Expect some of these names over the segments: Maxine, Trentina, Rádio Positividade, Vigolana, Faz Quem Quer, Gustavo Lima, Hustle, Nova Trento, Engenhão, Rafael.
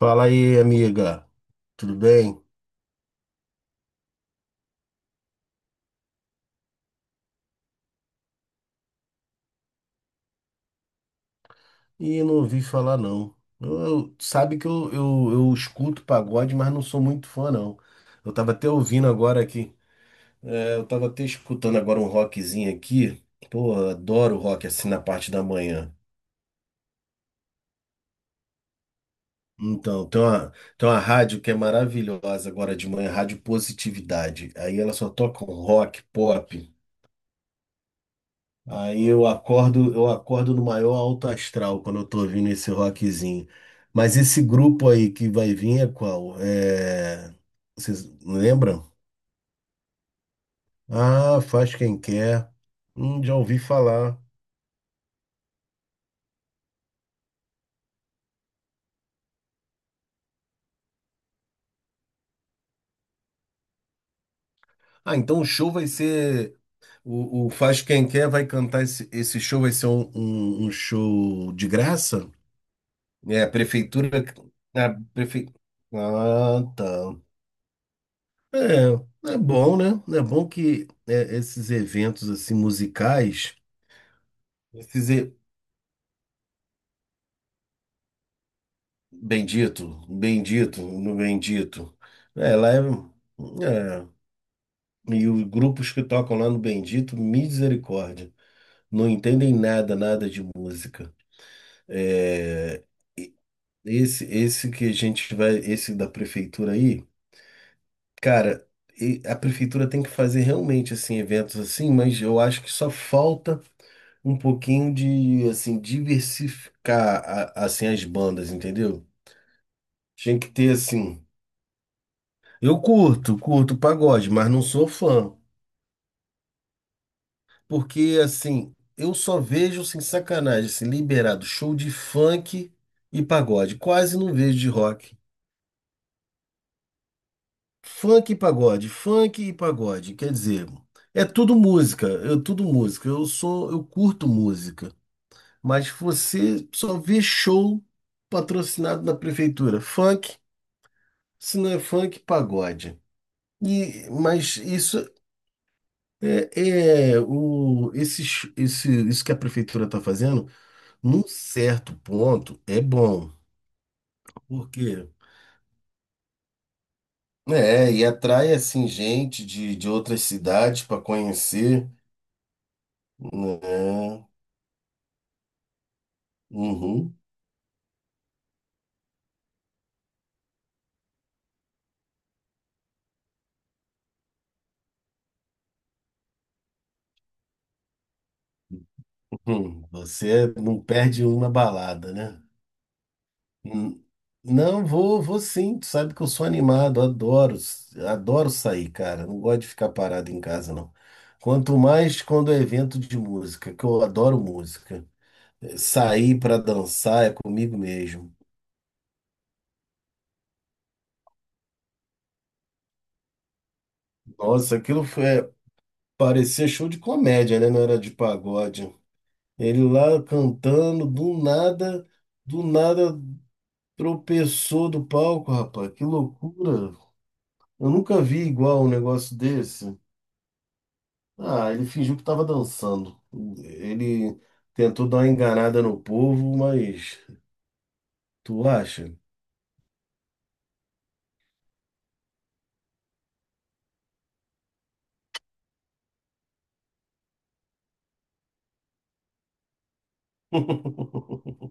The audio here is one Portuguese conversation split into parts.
Fala aí, amiga. Tudo bem? Ih, não ouvi falar, não. Sabe que eu escuto pagode, mas não sou muito fã, não. Eu tava até ouvindo agora aqui. Eu tava até escutando agora um rockzinho aqui. Pô, eu adoro rock assim na parte da manhã. Então, tem uma rádio que é maravilhosa agora de manhã, Rádio Positividade. Aí ela só toca um rock, pop. Aí eu acordo no maior alto astral quando eu tô ouvindo esse rockzinho. Mas esse grupo aí que vai vir é qual? É... Vocês lembram? Ah, faz quem quer. Já ouvi falar. Ah, então o show vai ser. O Faz Quem Quer vai cantar esse show, vai ser um show de graça? É, a prefeitura. A prefe... Ah, tá. É, é bom, né? É bom que é, esses eventos assim musicais, esses e- no bendito. É, lá é, é, e os grupos que tocam lá no bendito, misericórdia, não entendem nada, nada de música. É, e- esse que a gente vai, esse da prefeitura aí. Cara, e a prefeitura tem que fazer realmente assim eventos assim, mas eu acho que só falta um pouquinho de assim diversificar assim as bandas, entendeu? Tinha que ter assim. Curto pagode, mas não sou fã, porque assim, eu só vejo sem sacanagem, assim, liberado show de funk e pagode, quase não vejo de rock. Funk e pagode, quer dizer, é tudo música, é tudo música. Eu curto música, mas você só vê show patrocinado na prefeitura. Funk, se não é funk, pagode. E, mas isso é, é o, esse, sh- esse, isso que a prefeitura está fazendo, num certo ponto, é bom. Por quê? É, e atrai assim gente de outras cidades para conhecer, né? Uhum, uhum. Você não perde uma balada, né? Hum, não, vou sim. Tu sabe que eu sou animado, adoro sair, cara. Não gosto de ficar parado em casa, não. Quanto mais quando é evento de música, que eu adoro música. Eh, sair para dançar é comigo mesmo. Nossa, aquilo foi, é, parecia show de comédia, né? Não era de pagode. Ele lá cantando, do nada tropeçou do palco, rapaz. Que loucura. Eu nunca vi igual um negócio desse. Ah, ele fingiu que estava dançando. Ele tentou dar uma enganada no povo, mas tu acha?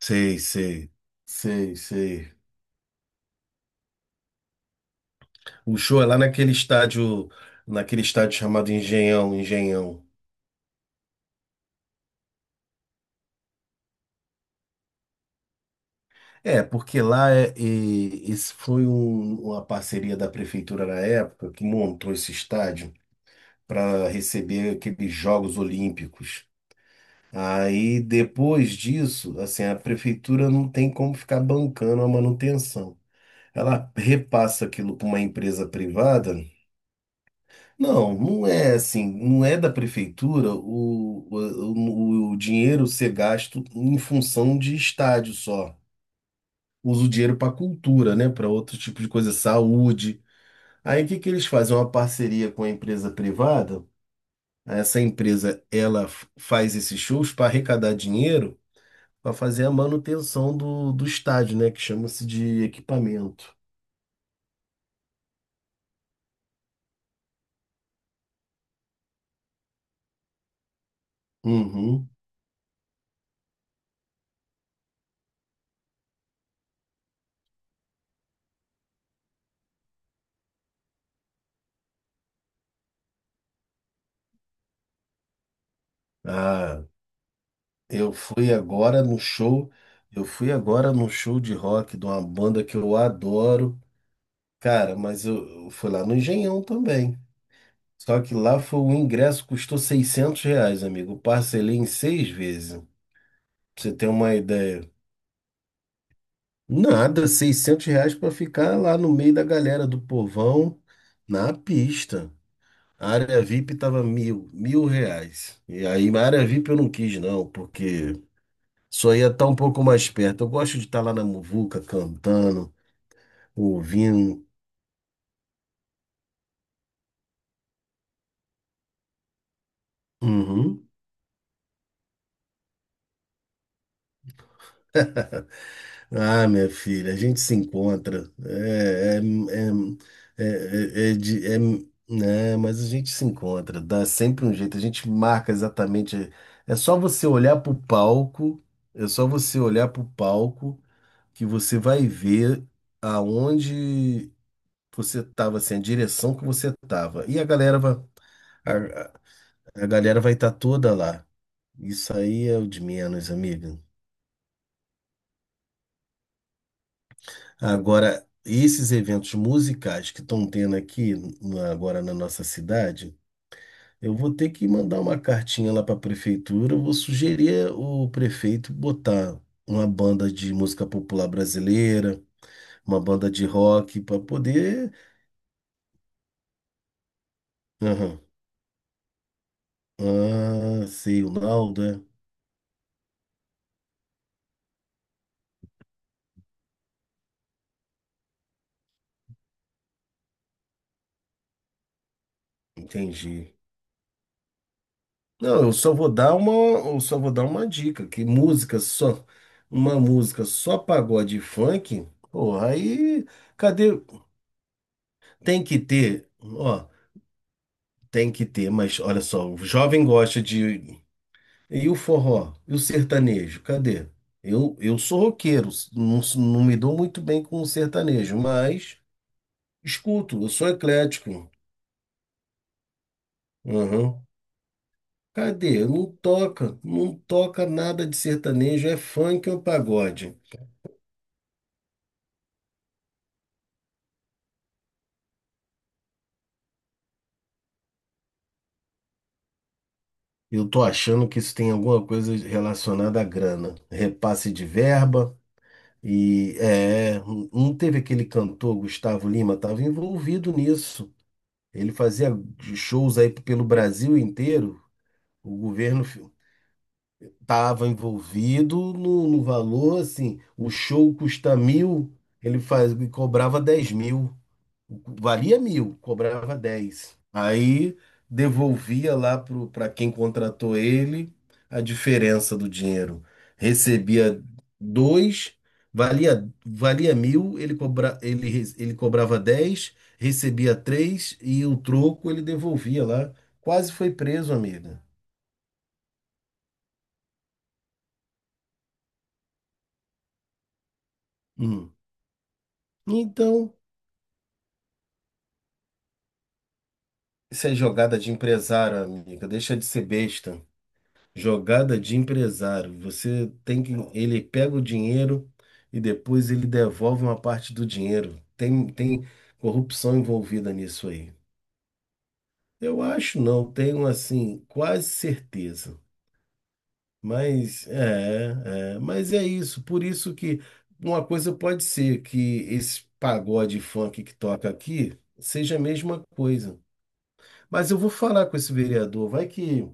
Sei, sei, sei, sei. O show é lá naquele estádio chamado Engenhão, Engenhão. É, porque lá é, uma parceria da prefeitura na época que montou esse estádio para receber aqueles Jogos Olímpicos. Aí depois disso, assim, a prefeitura não tem como ficar bancando a manutenção. Ela repassa aquilo para uma empresa privada. Não, não é assim, não é da prefeitura o dinheiro ser gasto em função de estádio só. Usa o dinheiro para cultura, né? Para outro tipo de coisa, saúde. Aí o que que eles fazem? Uma parceria com a empresa privada. Essa empresa, faz esses shows para arrecadar dinheiro para fazer a manutenção do estádio, né? Que chama-se de equipamento. Uhum. Ah, eu fui agora no show. Eu fui agora no show de rock de uma banda que eu adoro. Cara, mas eu fui lá no Engenhão também. Só que lá foi o ingresso, custou R$ 600, amigo. Eu parcelei em seis vezes. Pra você ter uma ideia. Nada, R$ 600 para ficar lá no meio da galera do povão, na pista. A área VIP tava R$ 1.000. E aí, a área VIP eu não quis, não, porque só ia estar um pouco mais perto. Eu gosto de estar lá na muvuca, cantando, ouvindo. Uhum. Ah, minha filha, a gente se encontra. É, é, é, é de- é- né, mas a gente se encontra, dá sempre um jeito. A gente marca exatamente. É só você olhar pro palco, é só você olhar pro palco que você vai ver aonde. Você tava assim, a direção que você tava. E a galera vai, a, a galera vai estar toda lá. Isso aí é o de menos, amiga. Agora, esses eventos musicais que estão tendo aqui agora na nossa cidade, eu vou ter que mandar uma cartinha lá para a prefeitura. Eu vou sugerir o prefeito botar uma banda de música popular brasileira, uma banda de rock para poder. Aham. Ah, sei, o Naldo, é? Entendi. Não, eu só vou dar uma dica, que música só, uma música só pagode e funk, porra, aí cadê? Tem que ter, ó, tem que ter, mas olha só, o jovem gosta de e o forró, e o sertanejo, cadê? Eu sou roqueiro, não, não me dou muito bem com o sertanejo, mas escuto, eu sou eclético. Uhum. Cadê? Não toca, não toca nada de sertanejo, é funk ou pagode. Eu tô achando que isso tem alguma coisa relacionada à grana. Repasse de verba e é, não teve aquele cantor Gustavo Lima, estava envolvido nisso. Ele fazia shows aí pelo Brasil inteiro. O governo estava envolvido no valor, assim, o show custa 1.000, ele faz, ele cobrava 10.000 valia 1.000, cobrava dez. Aí devolvia lá para quem contratou ele a diferença do dinheiro. Recebia dois, valia 1.000, ele cobrava dez, recebia três e o troco ele devolvia lá. Quase foi preso, amiga. Hum. Então, isso é jogada de empresário, amiga. Deixa de ser besta. Jogada de empresário. Você tem que. Ele pega o dinheiro e depois ele devolve uma parte do dinheiro. Tem corrupção envolvida nisso aí. Eu acho não, tenho assim, quase certeza. Mas é, é, mas é isso. Por isso que uma coisa pode ser que esse pagode funk que toca aqui seja a mesma coisa. Mas eu vou falar com esse vereador, vai que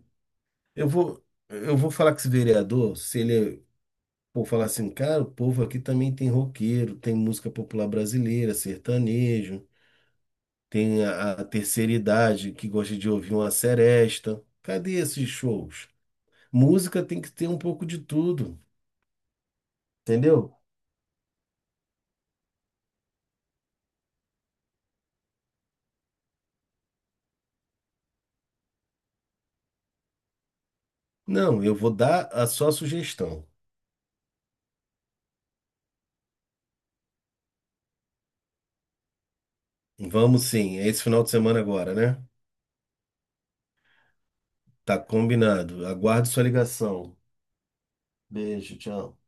eu vou, eu vou falar com esse vereador se ele é. Pô, falar assim, cara, o povo aqui também tem roqueiro, tem música popular brasileira, sertanejo, tem a terceira idade que gosta de ouvir uma seresta. Cadê esses shows? Música tem que ter um pouco de tudo, entendeu? Não, eu vou dar a sua sugestão. Vamos sim, é esse final de semana agora, né? Tá combinado. Aguardo sua ligação. Beijo, tchau.